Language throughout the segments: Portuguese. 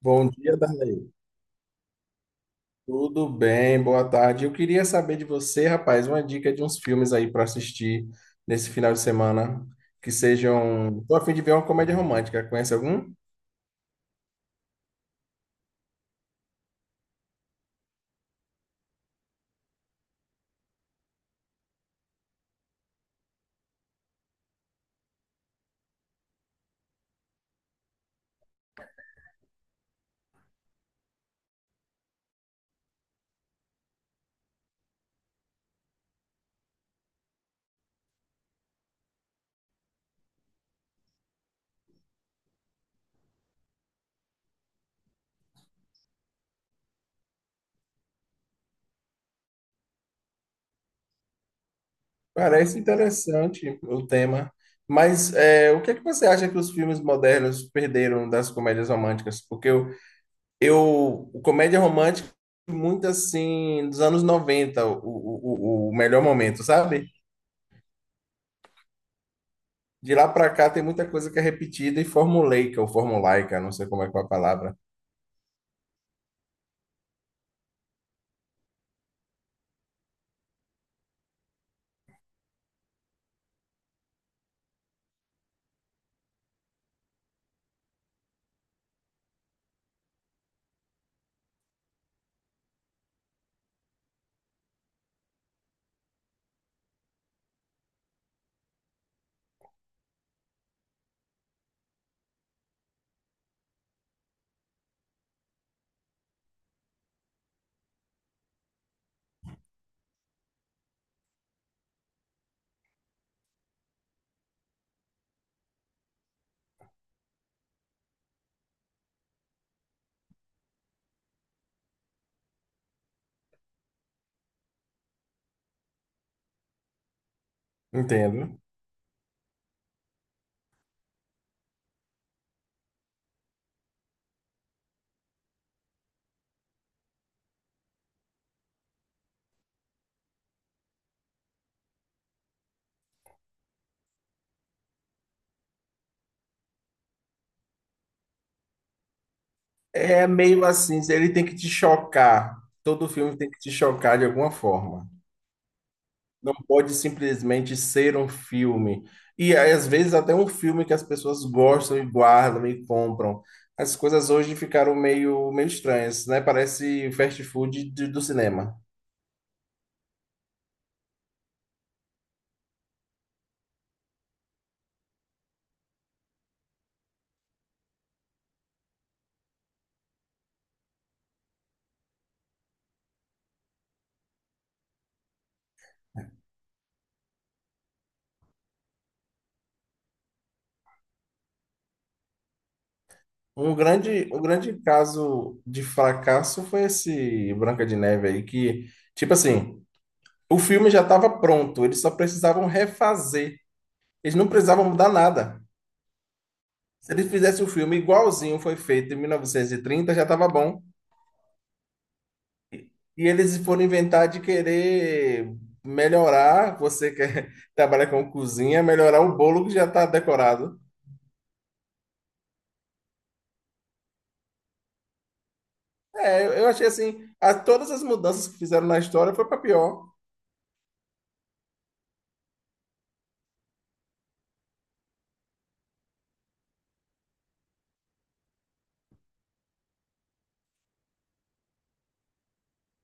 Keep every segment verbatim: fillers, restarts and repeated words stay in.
Bom dia, Darley. Tudo bem? Boa tarde. Eu queria saber de você, rapaz, uma dica de uns filmes aí para assistir nesse final de semana que sejam. Tô a fim de ver uma comédia romântica. Conhece algum? Parece interessante o tema. Mas é, o que é que você acha que os filmes modernos perderam das comédias românticas? Porque eu, eu o comédia romântica muito assim dos anos noventa o, o, o o melhor momento, sabe? De lá pra cá tem muita coisa que é repetida e formulaica ou formulaica, não sei como é que é a palavra. Entendo. É meio assim, ele tem que te chocar. Todo filme tem que te chocar de alguma forma. Não pode simplesmente ser um filme. E às vezes até um filme que as pessoas gostam e guardam e compram. As coisas hoje ficaram meio, meio estranhas, né? Parece fast food de- do cinema. O grande, o grande caso de fracasso foi esse Branca de Neve aí, que, tipo assim, o filme já estava pronto, eles só precisavam refazer, eles não precisavam mudar nada. Se eles fizessem o filme igualzinho foi feito em mil novecentos e trinta, já estava bom. E eles foram inventar de querer melhorar, você que trabalha com cozinha, melhorar o bolo que já está decorado. É, eu eu achei assim, a, todas as mudanças que fizeram na história foi para pior.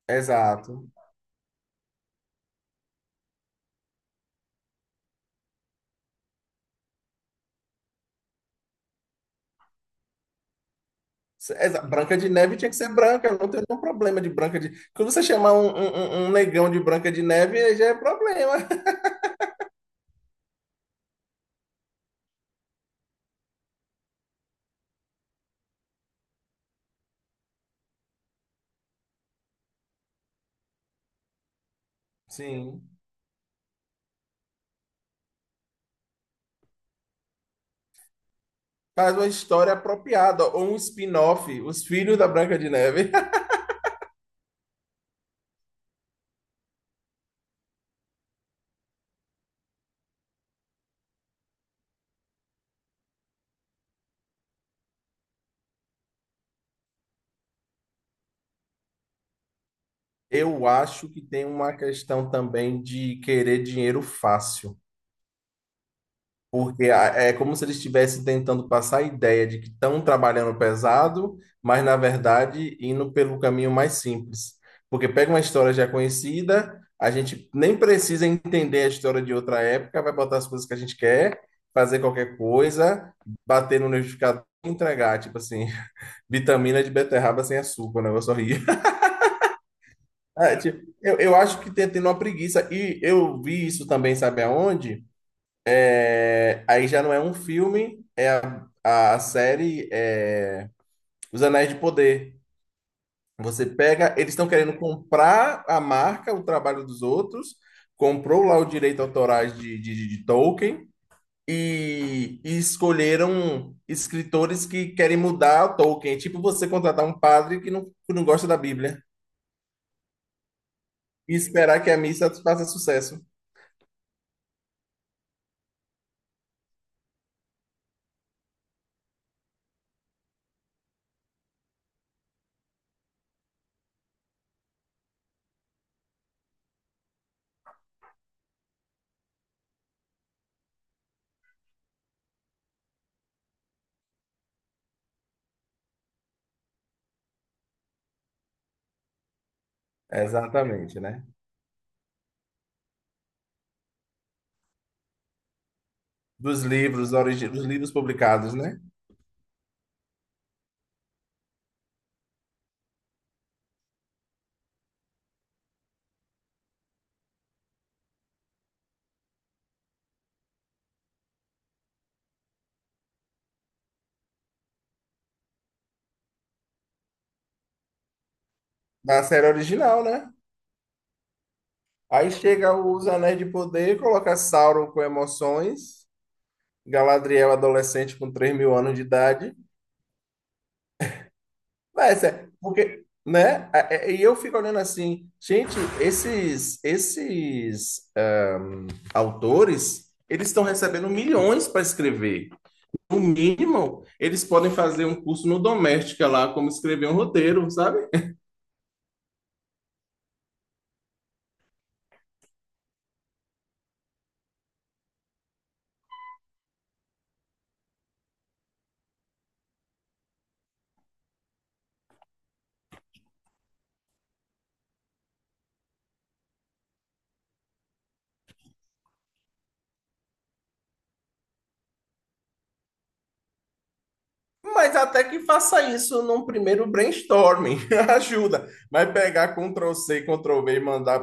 Exato. Exa- Branca de Neve tinha que ser branca, eu não tem nenhum problema de Branca de... Quando você chamar um, um, um- um negão de Branca de Neve, aí já é problema. Sim. Faz uma história apropriada, ou um spin-off, Os Filhos da Branca de Neve. Eu acho que tem uma questão também de querer dinheiro fácil. Porque a- é como se eles estivessem tentando passar a ideia de que estão trabalhando pesado, mas na verdade indo pelo caminho mais simples. Porque pega uma história já conhecida, a gente nem precisa entender a história de outra época, vai botar as coisas que a gente quer, fazer qualquer coisa, bater no liquidificador e entregar, tipo assim, vitamina de beterraba sem açúcar, o negócio horrível. É, tipo, eu, eu acho que tem, tem uma preguiça. E eu vi isso também, sabe aonde? É, aí já não é um filme, a série é, Os Anéis de Poder. Você pega, eles estão querendo comprar a marca, o trabalho dos outros, comprou lá o direito autorais de, de, de Tolkien e, e escolheram escritores que querem mudar o Tolkien. É tipo você contratar um padre que não, que não gosta da Bíblia e esperar que a missa faça sucesso. Exatamente, né? Dos livros, origi- dos livros publicados, né? Da série original, né? Aí chega os Anéis de Poder, coloca Sauron com emoções, Galadriel adolescente com três mil anos de idade. Mas é, porque, né? É, é, E eu fico olhando assim, gente, esses, esses é, autores, eles estão recebendo milhões para escrever. No mínimo, eles podem fazer um curso no Doméstica lá, como escrever um roteiro, sabe? Mas até que faça isso num primeiro brainstorming, ajuda. Mas pegar Ctrl+C, Ctrl+V e mandar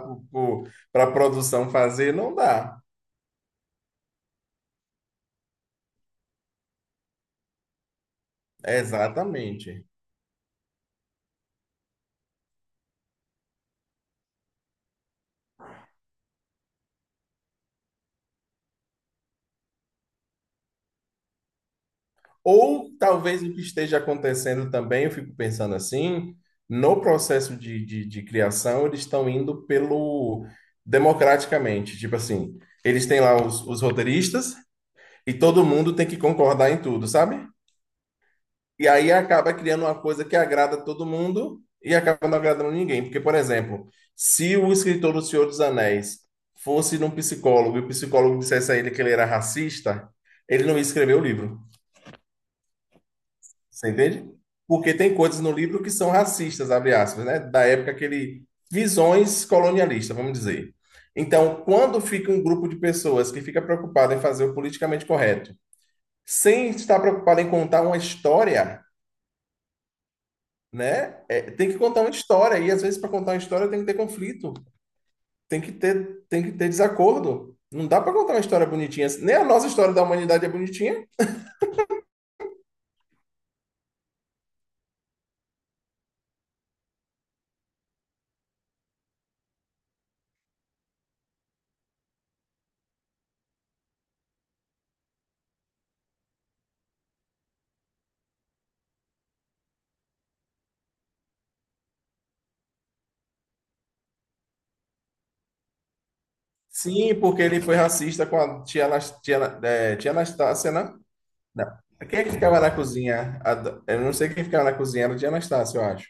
para a produção fazer, não dá. Exatamente. Ou talvez o que esteja acontecendo também, eu fico pensando assim, no processo de, de, de criação, eles estão indo pelo democraticamente. Tipo assim, eles têm lá os, os roteiristas e todo mundo tem que concordar em tudo, sabe? E aí acaba criando uma coisa que agrada todo mundo e acaba não agradando ninguém. Porque, por exemplo, se o escritor do Senhor dos Anéis fosse num psicólogo e o psicólogo dissesse a ele que ele era racista, ele não ia escrever o livro. Você entende? Porque tem coisas no livro que são racistas, abre aspas, né? Da época que ele. Visões colonialistas, vamos dizer. Então, quando fica um grupo de pessoas que fica preocupado em fazer o politicamente correto, sem estar preocupado em contar uma história, né? É, tem que contar uma história e às vezes para contar uma história tem que ter conflito, tem que ter, tem que ter desacordo. Não dá para contar uma história bonitinha. Nem a nossa história da humanidade é bonitinha. Sim, porque ele foi racista com a tia, Anas- tia, Ana- é, tia Anastácia, né? Não. Quem é que ficava na cozinha? A do- Eu não sei quem ficava na cozinha, era a tia Anastácia, eu acho.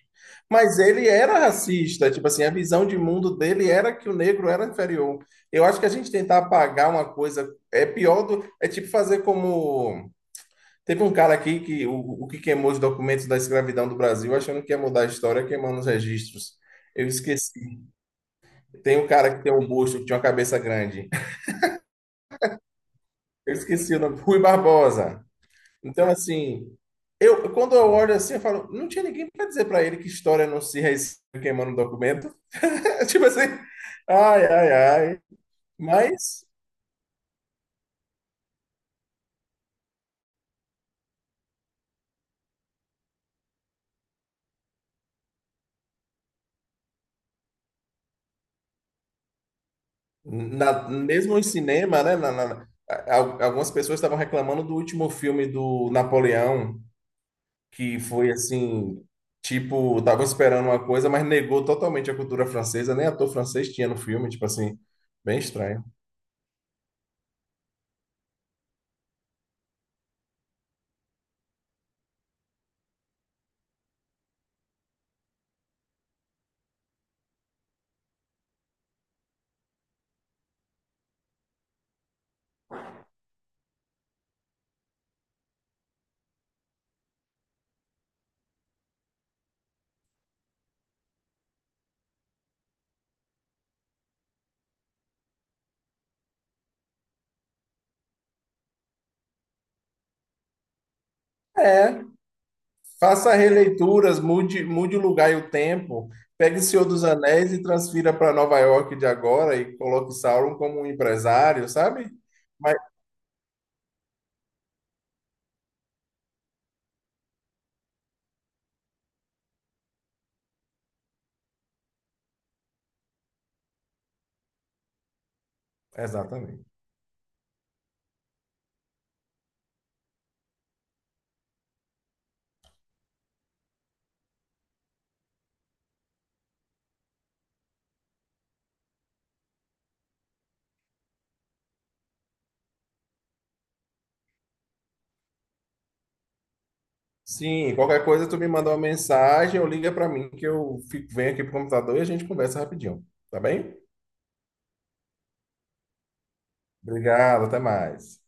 Mas ele era racista, tipo assim, a visão de mundo dele era que o negro era inferior. Eu acho que a gente tentar apagar uma coisa é pior do. É tipo fazer como teve um cara aqui que o, o que queimou os documentos da escravidão do Brasil, achando que ia mudar a história, queimando os registros. Eu esqueci. Tem um cara que tem um busto, que tinha uma cabeça grande. Eu esqueci o nome, Rui Barbosa. Então, assim, eu quando eu olho assim, eu falo, não tinha ninguém para dizer para ele que história não se reescreve queimando documento. Tipo assim, ai, ai, ai. Mas, na- mesmo em cinema, né? na- na- a- algumas pessoas estavam reclamando do último filme do Napoleão. Que foi assim, tipo, tava esperando uma coisa, mas negou totalmente a cultura francesa, nem ator francês tinha no filme, tipo assim, bem estranho. É, faça releituras, mude, mude o lugar e o tempo, pegue o Senhor dos Anéis e transfira para Nova York de agora e coloque Sauron como um empresário, sabe? Mas, exatamente. Sim, qualquer coisa tu me manda uma mensagem ou liga para mim que eu fico, venho aqui pro computador e a gente conversa rapidinho, tá bem? Obrigado, até mais.